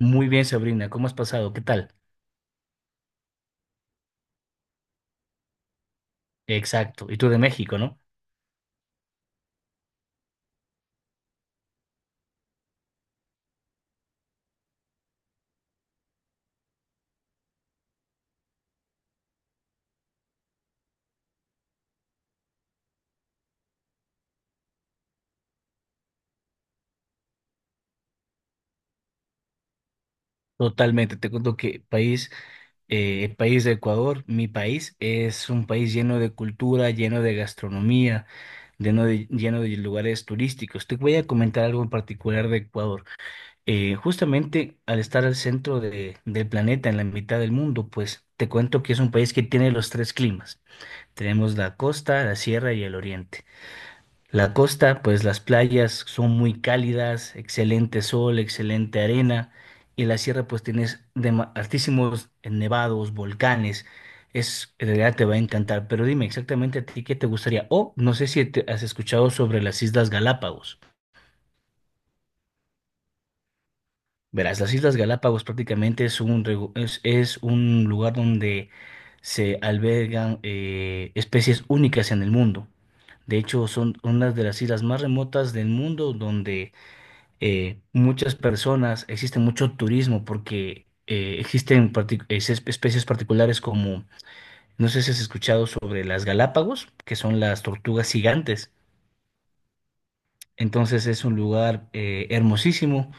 Muy bien, Sabrina, ¿cómo has pasado? ¿Qué tal? Exacto. Y tú de México, ¿no? Totalmente. Te cuento que país, el país de Ecuador, mi país, es un país lleno de cultura, lleno de gastronomía, lleno de lugares turísticos. Te voy a comentar algo en particular de Ecuador. Justamente al estar al centro del planeta, en la mitad del mundo, pues te cuento que es un país que tiene los tres climas. Tenemos la costa, la sierra y el oriente. La costa, pues las playas son muy cálidas, excelente sol, excelente arena, y la sierra pues tienes altísimos nevados, volcanes, en realidad te va a encantar, pero dime exactamente a ti qué te gustaría, o no sé si te has escuchado sobre las Islas Galápagos. Verás, las Islas Galápagos prácticamente es un lugar donde se albergan especies únicas en el mundo. De hecho, son unas de las islas más remotas del mundo donde muchas personas, existe mucho turismo porque existen especies particulares como, no sé si has escuchado sobre las Galápagos, que son las tortugas gigantes. Entonces es un lugar hermosísimo.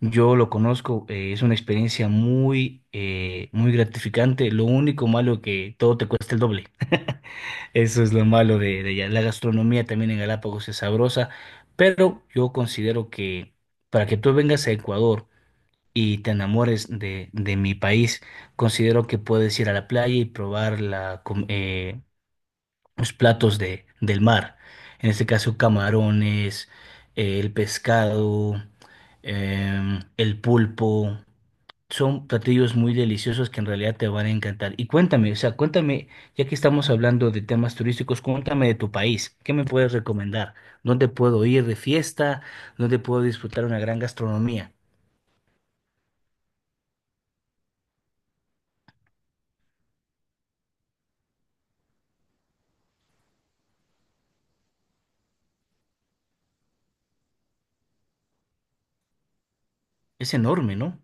Yo lo conozco, es una experiencia muy, muy gratificante. Lo único malo que todo te cuesta el doble. Eso es lo malo de allá. La gastronomía también en Galápagos es sabrosa, pero yo considero que para que tú vengas a Ecuador, y te enamores de mi país. Considero que puedes ir a la playa y probar los platos del mar. En este caso, camarones, el pescado, el pulpo. Son platillos muy deliciosos que en realidad te van a encantar. Y cuéntame, o sea, cuéntame, ya que estamos hablando de temas turísticos, cuéntame de tu país. ¿Qué me puedes recomendar? ¿Dónde puedo ir de fiesta? ¿Dónde puedo disfrutar una gran gastronomía? Es enorme, ¿no?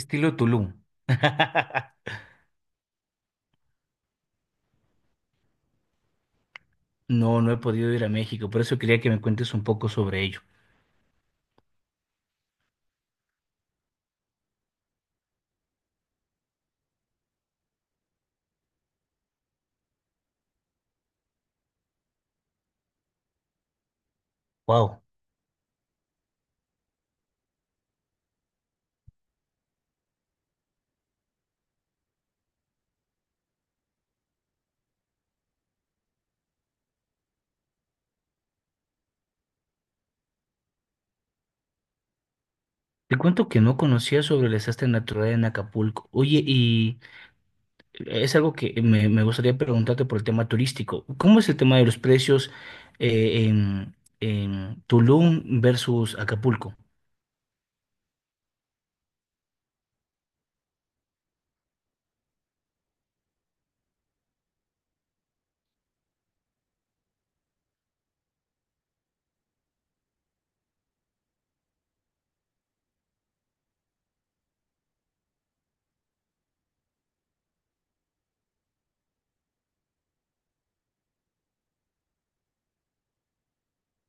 Estilo Tulum. No, no he podido ir a México, por eso quería que me cuentes un poco sobre ello. Wow. Te cuento que no conocía sobre el desastre natural en Acapulco. Oye, y es algo que me gustaría preguntarte por el tema turístico. ¿Cómo es el tema de los precios eh, en, en Tulum versus Acapulco?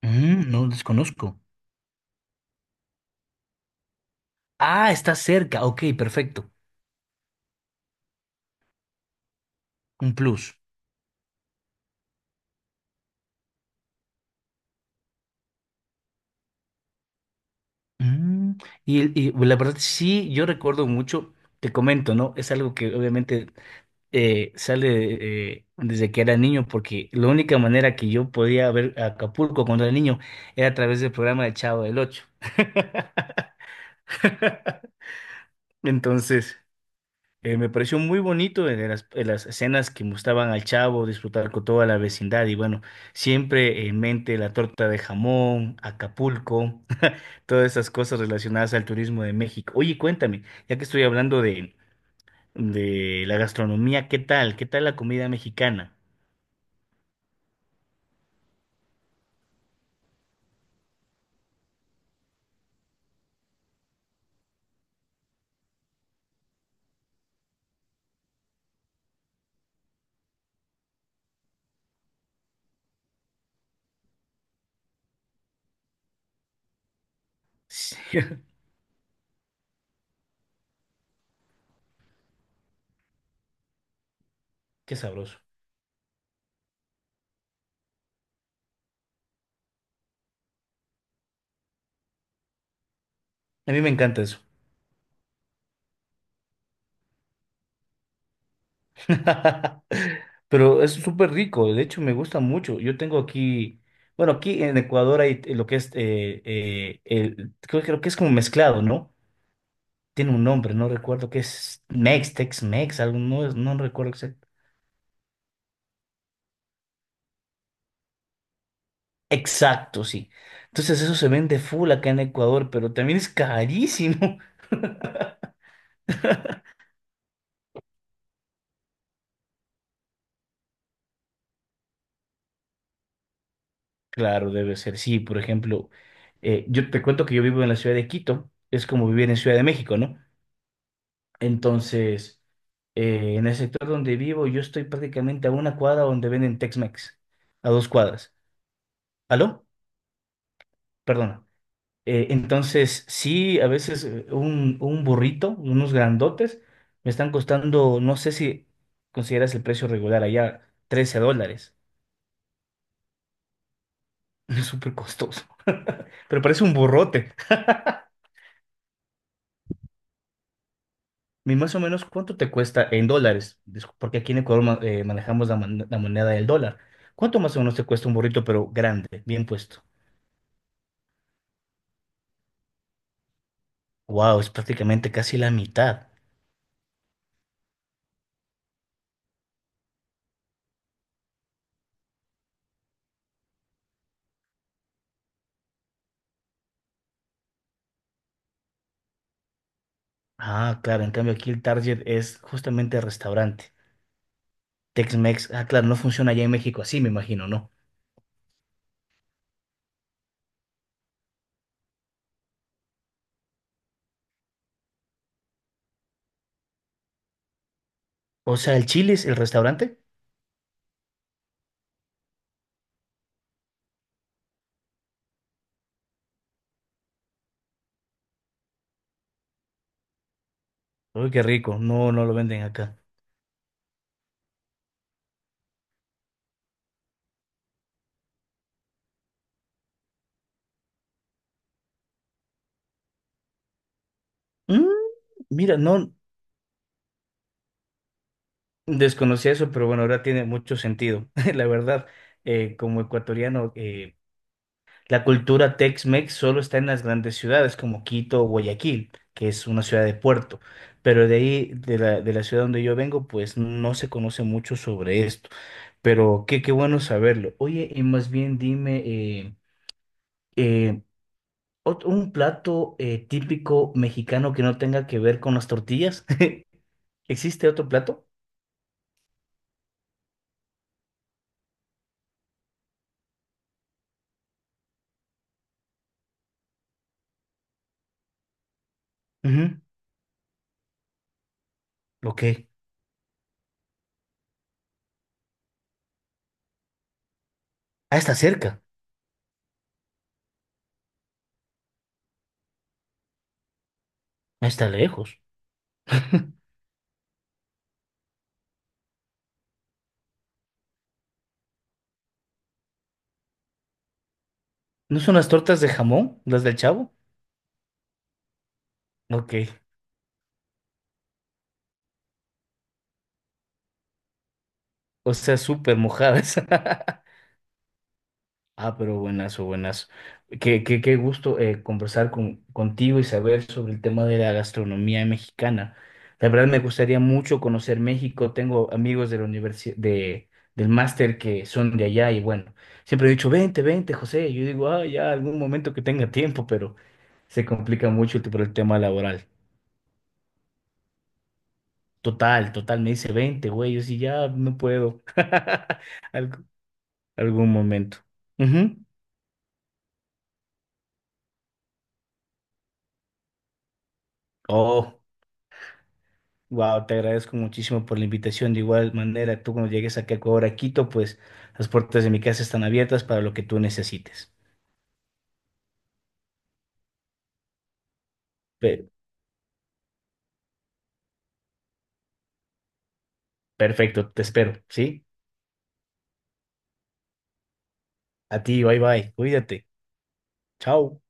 Mm, no desconozco. Ah, está cerca. Ok, perfecto. Un plus. Mm, y la verdad, sí, yo recuerdo mucho, te comento, ¿no? Es algo que obviamente sale desde que era niño, porque la única manera que yo podía ver Acapulco cuando era niño era a través del programa de Chavo del Ocho. Entonces, me pareció muy bonito en las escenas que mostraban al Chavo, disfrutar con toda la vecindad y bueno, siempre en mente la torta de jamón, Acapulco, todas esas cosas relacionadas al turismo de México. Oye, cuéntame, ya que estoy hablando de la gastronomía, ¿qué tal? ¿Qué tal la comida mexicana? Qué sabroso. A mí me encanta eso. Pero es súper rico, de hecho me gusta mucho. Yo tengo aquí, bueno, aquí en Ecuador hay lo que es, creo que es como mezclado, ¿no? Tiene un nombre, no recuerdo qué es, Tex-Mex, algo, no, no recuerdo exacto. Exacto, sí. Entonces eso se vende full acá en Ecuador, pero también es carísimo. Claro, debe ser, sí. Por ejemplo, yo te cuento que yo vivo en la ciudad de Quito, es como vivir en Ciudad de México, ¿no? Entonces, en el sector donde vivo, yo estoy prácticamente a una cuadra donde venden Tex-Mex, a 2 cuadras. ¿Aló? Perdona. Entonces, sí, a veces un burrito, unos grandotes, me están costando, no sé si consideras el precio regular allá, $13. Es súper costoso, pero parece un burrote. ¿Y más o menos cuánto te cuesta en dólares? Porque aquí en Ecuador manejamos la moneda del dólar. ¿Cuánto más o menos te cuesta un burrito, pero grande, bien puesto? Wow, es prácticamente casi la mitad. Ah, claro, en cambio aquí el target es justamente el restaurante. Tex-Mex, ah, claro, no funciona allá en México así, me imagino, ¿no? O sea, el chile es el restaurante. Uy, qué rico, no, no lo venden acá. Mm, Mira, no desconocía eso, pero bueno, ahora tiene mucho sentido. La verdad, como ecuatoriano, la cultura Tex-Mex solo está en las grandes ciudades como Quito o Guayaquil, que es una ciudad de puerto, pero de ahí, de la ciudad donde yo vengo, pues no se conoce mucho sobre esto, pero qué bueno saberlo. Oye, y más bien dime, eh, ¿un plato típico mexicano que no tenga que ver con las tortillas? ¿Existe otro plato? Ujú, Ok. Ah, está cerca, ah, está lejos. ¿No son las tortas de jamón, las del Chavo? Ok. O sea, súper mojadas. Ah, pero buenazo, buenazo. Qué gusto conversar contigo y saber sobre el tema de la gastronomía mexicana. La verdad me gustaría mucho conocer México. Tengo amigos de la universidad, del máster que son de allá y bueno, siempre he dicho, vente, vente, José. Yo digo, ah, ya algún momento que tenga tiempo, pero se complica mucho por el tema laboral. Total, total, me dice 20, güey, yo sí ya no puedo. Alg- Algún momento. Ujú. Oh, wow, te agradezco muchísimo por la invitación. De igual manera, tú cuando llegues aquí a Ecuador, a Quito, pues las puertas de mi casa están abiertas para lo que tú necesites. Pe- Perfecto, te espero, ¿sí? A ti, bye bye, cuídate. Chao.